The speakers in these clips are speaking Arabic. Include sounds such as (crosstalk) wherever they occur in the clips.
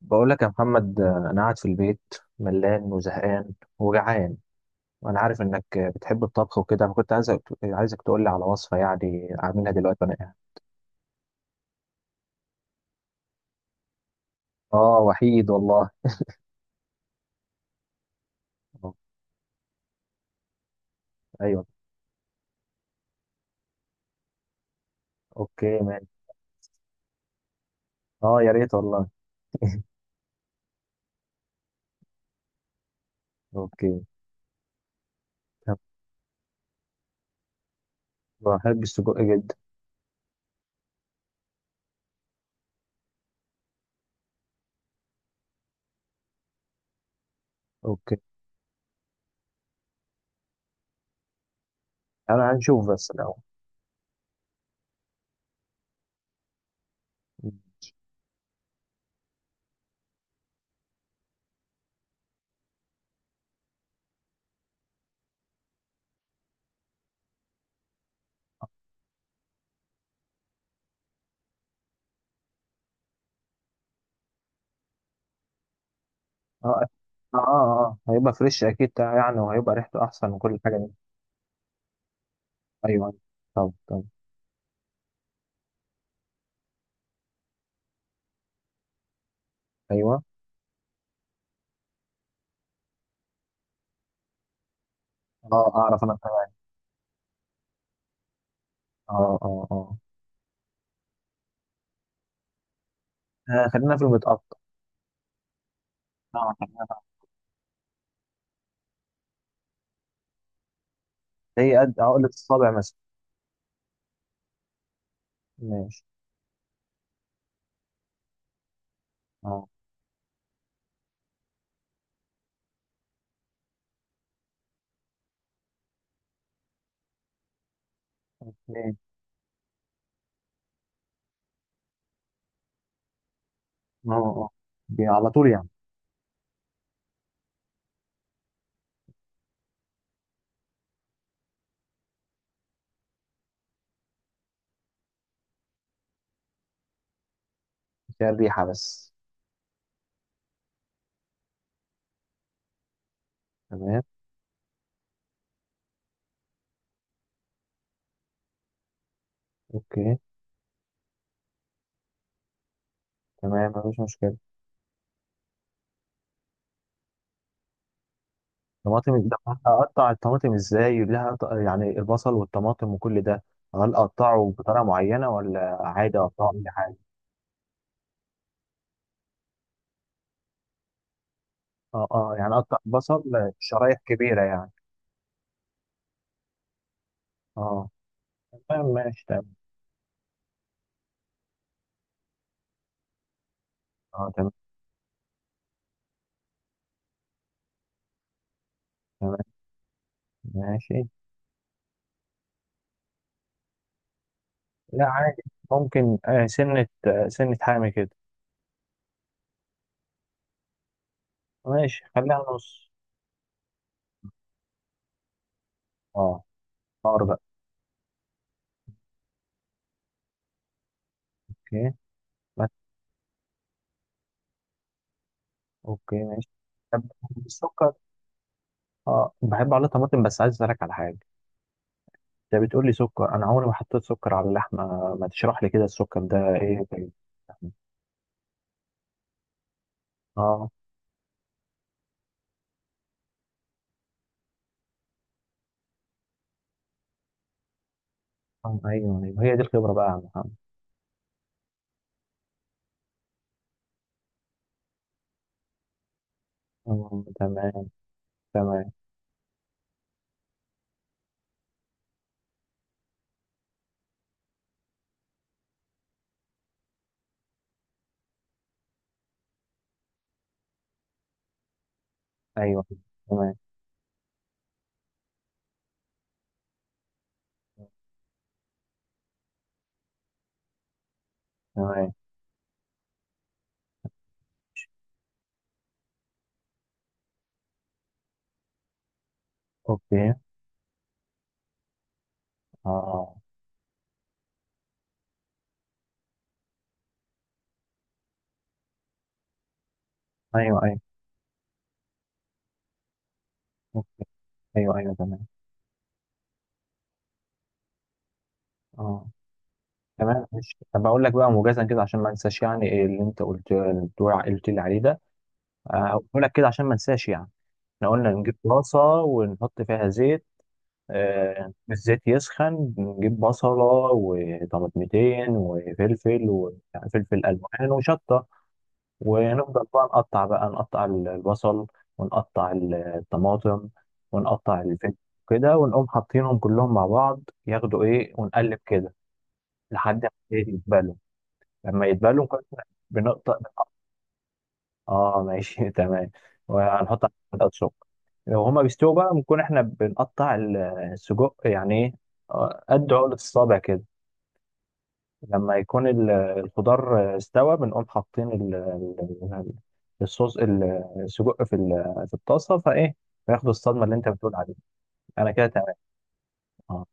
بقول لك يا محمد، انا قاعد في البيت ملان وزهقان وجعان. وانا عارف انك بتحب الطبخ وكده، فكنت عايزك تقول لي على وصفه يعني اعملها دلوقتي وانا قاعد. اه، وحيد والله. أه، ايوه، اوكي مان. اه يا ريت والله. اوكي. طب بحب السجق جدا. اوكي. انا هنشوف بس الاول. اه اه اه آه. هيبقى فريش اكيد يعني، وهيبقى ريحته احسن من كل حاجه دي. ايوه. طب. ايوه. اه اعرف انا اه. اه اه. خلينا في المتقطع. اه. زي قد عقلة الصابع مثلا. ماشي. اه. ايه. اه اه. دي على طول يعني. فيها الريحة بس. تمام. اوكي تمام، مفيش مشكلة. طماطم ده. اقطع الطماطم ازاي، يقول لها يعني البصل والطماطم وكل ده؟ هل اقطعه بطريقة معينة ولا عادي اقطعه اي حاجة؟ اه اه، يعني اقطع بصل شرايح كبيرة يعني. اه تمام ماشي تمام. اه تمام تمام ماشي. لا عادي. ممكن سنة سنة حامي كده. ماشي خليها نص. اه. خيار بقى. اوكي. بس اوكي ماشي. طب السكر. اه بحب عليه طماطم، بس عايز اسالك على حاجه. انت بتقول لي سكر، انا عمري ما حطيت سكر على اللحمه. ما تشرح لي كده السكر ده ايه ده؟ اه، آه، ايوه ايوه، هي دي الخبره بقى يا عم محمد. آه، تمام. تمام. ايوه. تمام. تمام. اوكي. اه. ايوه ايوه. اوكي. ايوه ايوه تمام. اه تمام. مش طب اقول لك بقى موجزا كده، عشان ما انساش يعني إيه اللي انت قلت لي عليه ده. هقوله لك كده عشان ما انساش يعني. احنا قلنا نجيب طاسة ونحط فيها زيت. الزيت يسخن، نجيب بصلة وطماطمتين وفلفل ألوان وشطة. ونفضل بقى نقطع البصل، ونقطع الطماطم، ونقطع الفلفل كده. ونقوم حاطينهم كلهم مع بعض ياخدوا ايه، ونقلب كده لحد ما إيه يتبلوا. لما يتبلوا كده بنقطع. اه ماشي (laughs) تمام. وهنحط على الشطة. لو هما بيستووا بقى، بنكون احنا بنقطع السجق يعني ايه، قد عقلة الصابع كده. لما يكون الخضار استوى، بنقوم حاطين ال- الصوص ال- السجق في في الطاسة، فايه، فياخدوا الصدمة اللي انت بتقول عليها. انا كده تمام. اه،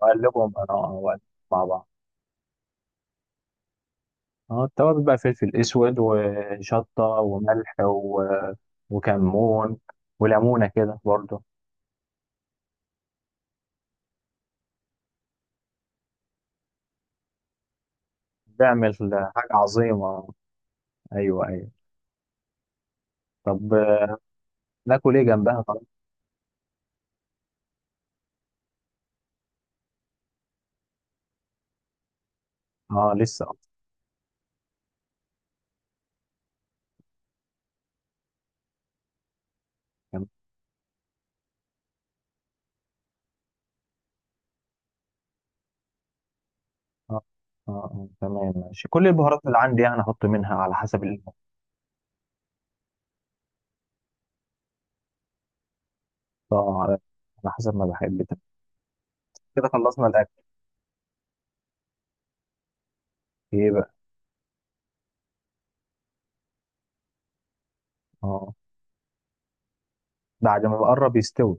واقلبهم انا اه وأقلبهم مع بعض. اه، التوابل بقى فلفل اسود وشطة وملح و... وكمون وليمونة كده برضو. بيعمل حاجة عظيمة. ايوه ايوه. طب ناكل ايه جنبها طبعا. اه لسه اه. جنب- اه اه، تمام ماشي، كل البهارات اللي عندي يعني احط منها على حسب ال... اه على حسب ما بحب. تمام. كده خلصنا الاكل. ايه بقى. اه بعد ما بقرب يستوي.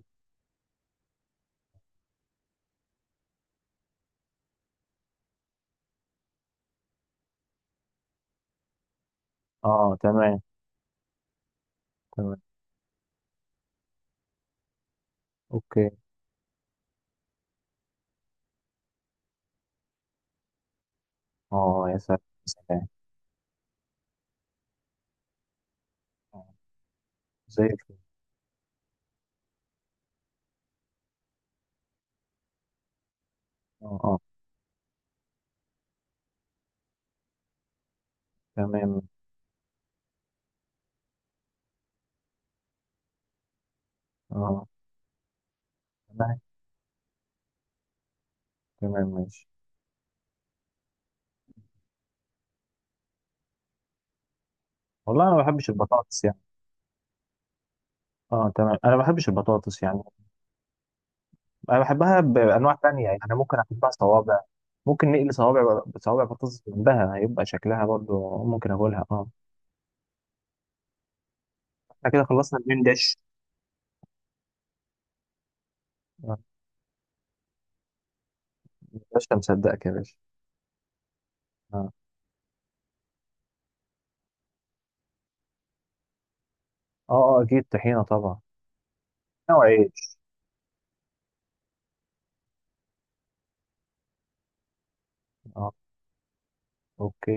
اه تمام. تمام اوكي. اه يا سلام. سلام. آه، زي الفل. اه اه تمام. اه تمام تمام ماشي. والله انا ما بحبش البطاطس يعني. اه تمام، انا ما بحبش البطاطس يعني. انا بحبها بانواع تانية يعني، انا ممكن احبها صوابع. ممكن نقلي بصوابع بطاطس جنبها هيبقى شكلها برضو ممكن اكلها. اه. احنا كده خلصنا المين ديش. آه، باشا مصدقك يا باشا. اه اه، اكيد طحينه طبعا. او عيش. اه اوكي.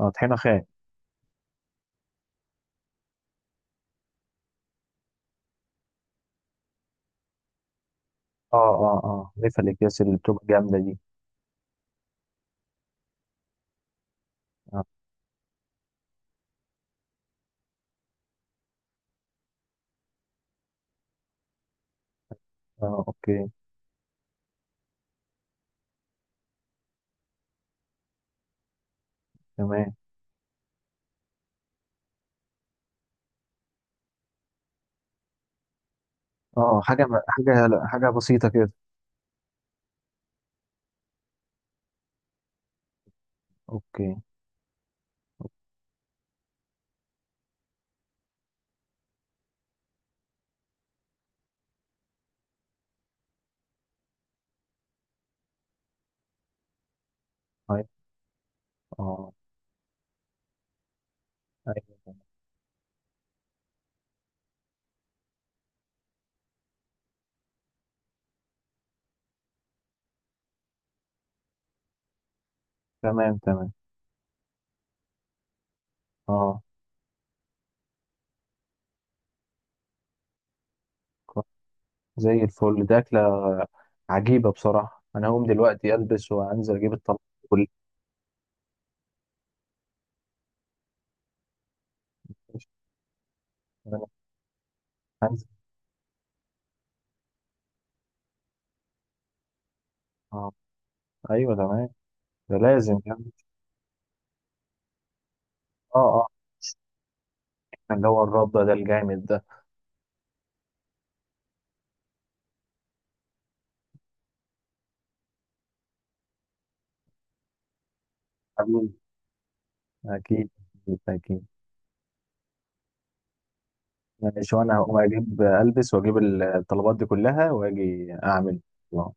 اه طحينه خام. اه اه اه، ليفه الاكياس اللي بتبقى جامده دي. اه اه اوكي. تمام. اه حاجه بسيطه كده. اوكي طيب. اه ايوه تمام تمام تمام. اه زي الفل. دي أكلة عجيبة بصراحة. أنا هقوم دلوقتي ألبس وأنزل أجيب الطلبات كلها. أنا هنزل. أه، أيوه تمام. ده لازم يعني. أه أه. اللي هو الرده ده الجامد ده. حبيبي. أكيد. أكيد. ماشي، وأنا هقوم أجيب ألبس وأجيب الطلبات دي كلها وأجي أعمل. أه.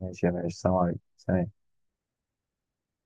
ماشي يا باشا، سلام عليكم. سلام.